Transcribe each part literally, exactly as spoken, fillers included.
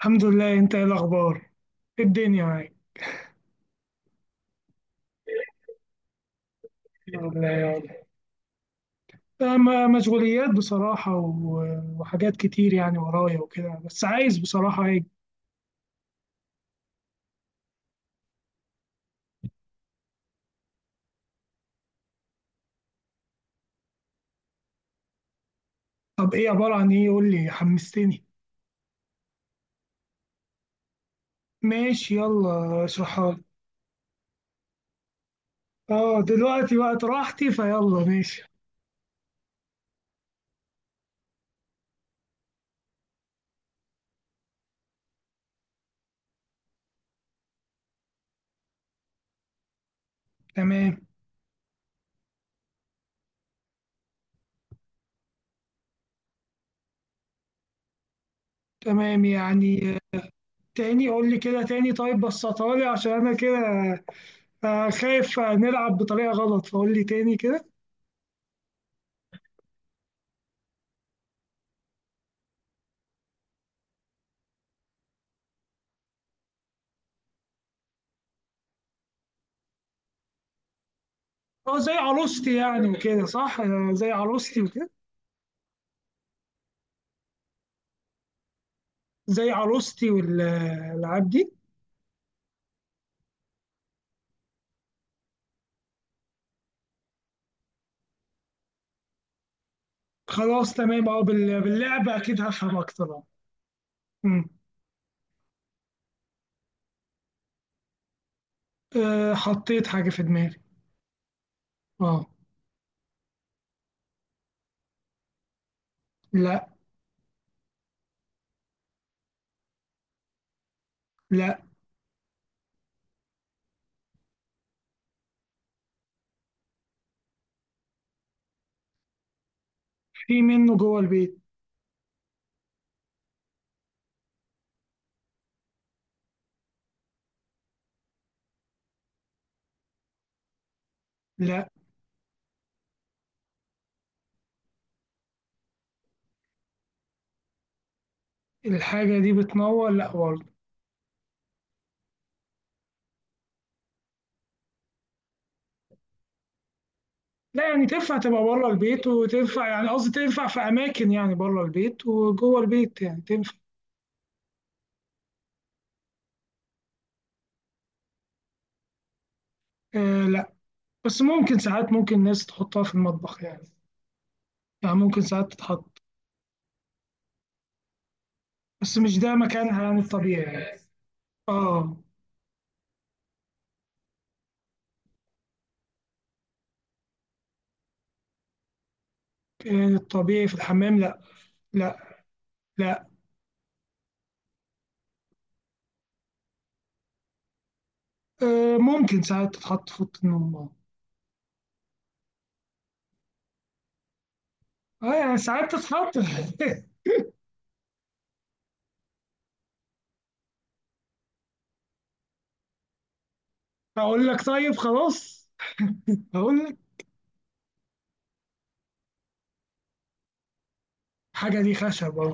الحمد لله، انت ايه الاخبار؟ ايه الدنيا معاك؟ الحمد لله يا رب. آه، ما- مشغوليات بصراحة و- وحاجات كتير يعني ورايا وكده، بس عايز بصراحة ايه. طب ايه؟ عبارة عن ايه؟ قول لي حمستني. ماشي، يلا اشرحها لي. اه دلوقتي وقت راحتي فيلا، ماشي. تمام تمام يعني آه، تاني قول لي كده تاني، طيب بسطها لي عشان انا كده آه، خايف نلعب بطريقة غلط، فقول لي تاني كده. اه زي عروستي يعني وكده، صح؟ آه، زي عروستي وكده. زي عروستي والالعاب دي؟ خلاص تمام، اه بال- باللعب اكيد هفهم اكتر، اه. أمم. آه، حطيت حاجه في دماغي. اه. لا. لا، في منه جوه البيت. لا. الحاجه دي بتنور؟ لا برضه. لا يعني تنفع تبقى بره البيت وتنفع، يعني قصدي تنفع في اماكن يعني بره البيت وجوه البيت، يعني تنفع. آه لا، بس ممكن ساعات ممكن الناس تحطها في المطبخ يعني، يعني ممكن ساعات تتحط، بس مش ده مكانها يعني الطبيعي يعني. اه. آه، الطبيعي في الحمام لا. لا. لا. آه، ممكن ساعات تتحط في أوضة النوم آه. اه يعني ساعات تتحط. اقول لك طيب خلاص، اقول لك. حاجه دي خشب اهو.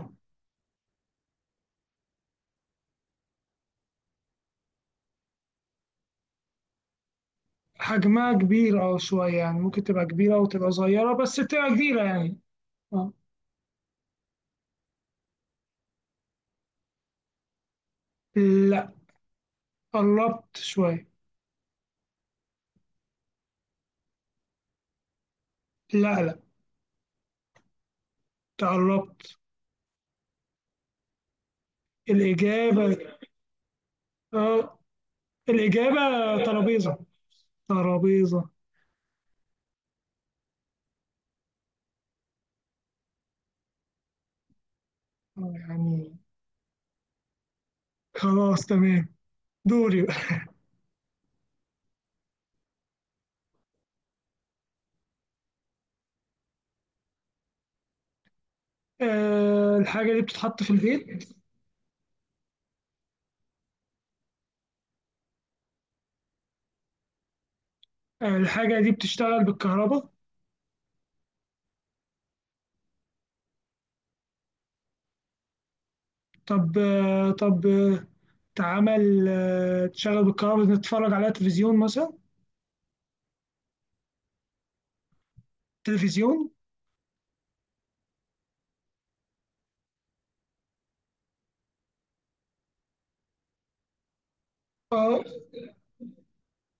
حجمها كبير، اه شويه، يعني ممكن تبقى كبيره وتبقى صغيره، بس بتبقى كبيره يعني. اه. لا، قربت شويه. لا لا، تقربت. الاجابه. اه، الاجابه ترابيزه. ترابيزه. اه يعني. خلاص تمام، دوري بقى. آه الحاجه دي بتتحط في البيت. آه، الحاجة دي بتشتغل بالكهرباء. طب آه، طب آه، تعمل آه، تشغل بالكهرباء، نتفرج عليها، تلفزيون مثلا. تلفزيون. اه.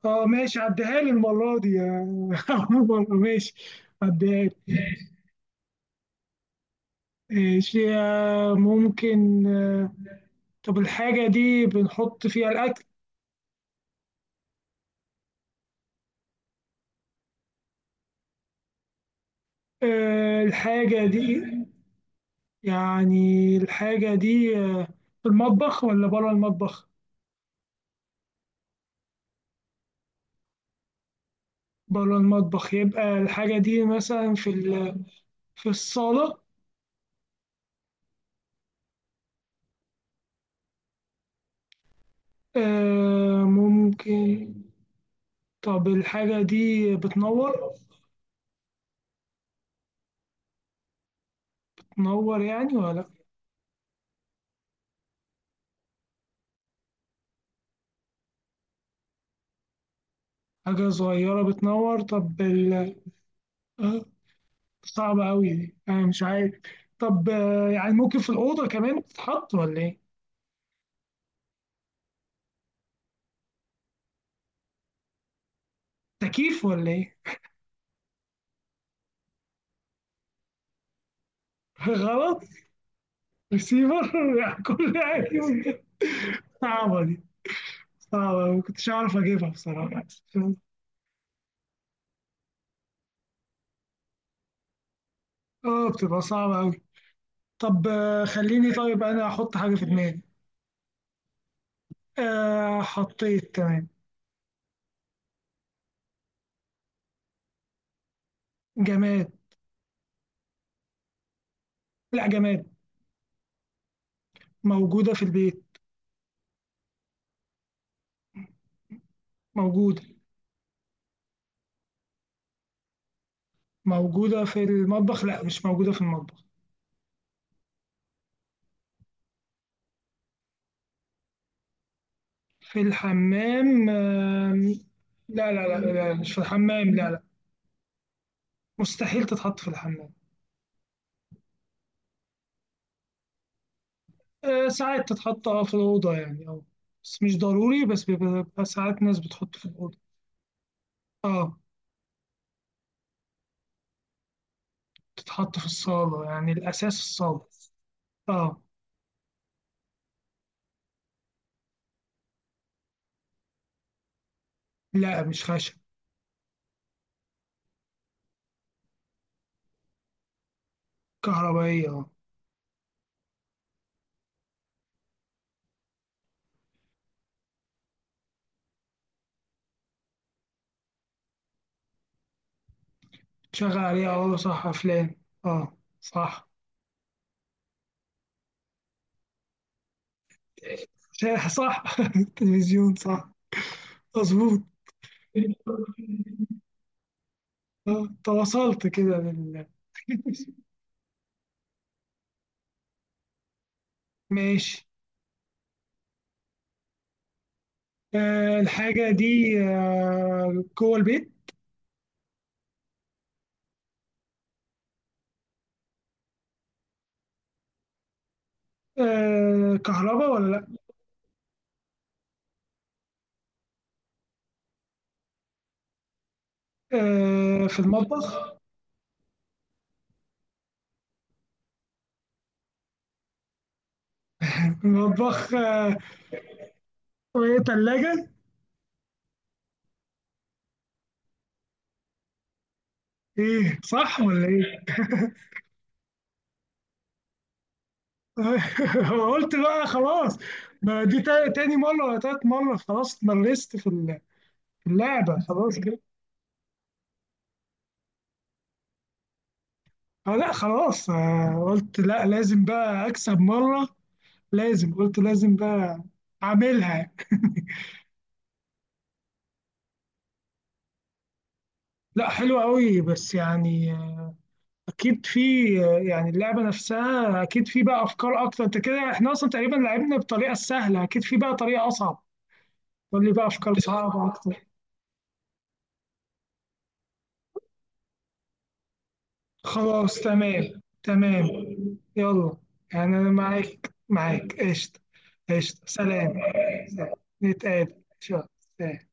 اه ماشي، عديها لي المرة دي آه، عموما ماشي، عديها لي. ماشي آه، ممكن آه، طب الحاجة دي بنحط فيها الأكل؟ آه، الحاجة دي يعني، الحاجة دي آه، في المطبخ ولا بره المطبخ؟ بره المطبخ، يبقى الحاجة دي مثلا في ال... في الصالة. آه ممكن. طب الحاجة دي بتنور؟ بتنور يعني ولا لأ؟ حاجة صغيرة بتنور، طب ال... آه صعبة أوي دي، أنا مش عارف. طب آه، يعني ممكن في الأوضة كمان تتحط، ولا إيه؟ تكييف ولا إيه؟ غلط. ريسيفر يعني كل حاجة ممكن. صعبة دي، صعبة ما كنتش أعرف أجيبها بصراحة. آه بتبقى صعبة أوي. طب آه، خليني طيب أنا أحط حاجة في دماغي. آه حطيت، تمام. جماد. لا جماد. موجودة في البيت. موجودة. موجودة في المطبخ لا، مش موجودة في المطبخ. في الحمام آم، لا لا لا لا، مش في الحمام، لا لا. مستحيل تتحط في الحمام. آه، ساعات تتحط اه في الأوضة يعني، اه. بس مش ضروري، بس بيبقى، بيبقى ساعات ناس بتحط في الأوضة. اه. تتحط في الصالة يعني الأساس الصالة. اه. لا مش خشب. كهربائية، اه. تشغل عليها اه، صح، أفلام. اه صح. شاح صح التلفزيون، صح. مظبوط. آه، تواصلت كده بال... ماشي. آه الحاجة دي آه جوه البيت. آه كهرباء ولا لأ؟ آه في المطبخ. المطبخ آه. وإيه تلاجة؟ إيه، صح ولا إيه؟ قلت بقى خلاص. ما دي تا- تاني مرة ولا تالت مرة، خلاص اتمرست في ال... في اللعبة خلاص كده. اه لا خلاص، آه، قلت لا، لازم بقى اكسب مره. لازم، قلت لازم بقى اعملها. لا حلوه قوي، بس يعني آه، اكيد في آه، يعني اللعبه نفسها اكيد في بقى افكار اكتر. انت كده احنا اصلا تقريبا لعبنا بالطريقه السهله، اكيد في بقى طريقه اصعب. قول لي بقى افكار صعبه اكتر. خلاص تمام تمام. يلا، يعني انا معاك، معاك قشطه. قشطه، سلام. سلام. نتقابل ان شاء الله. سلام.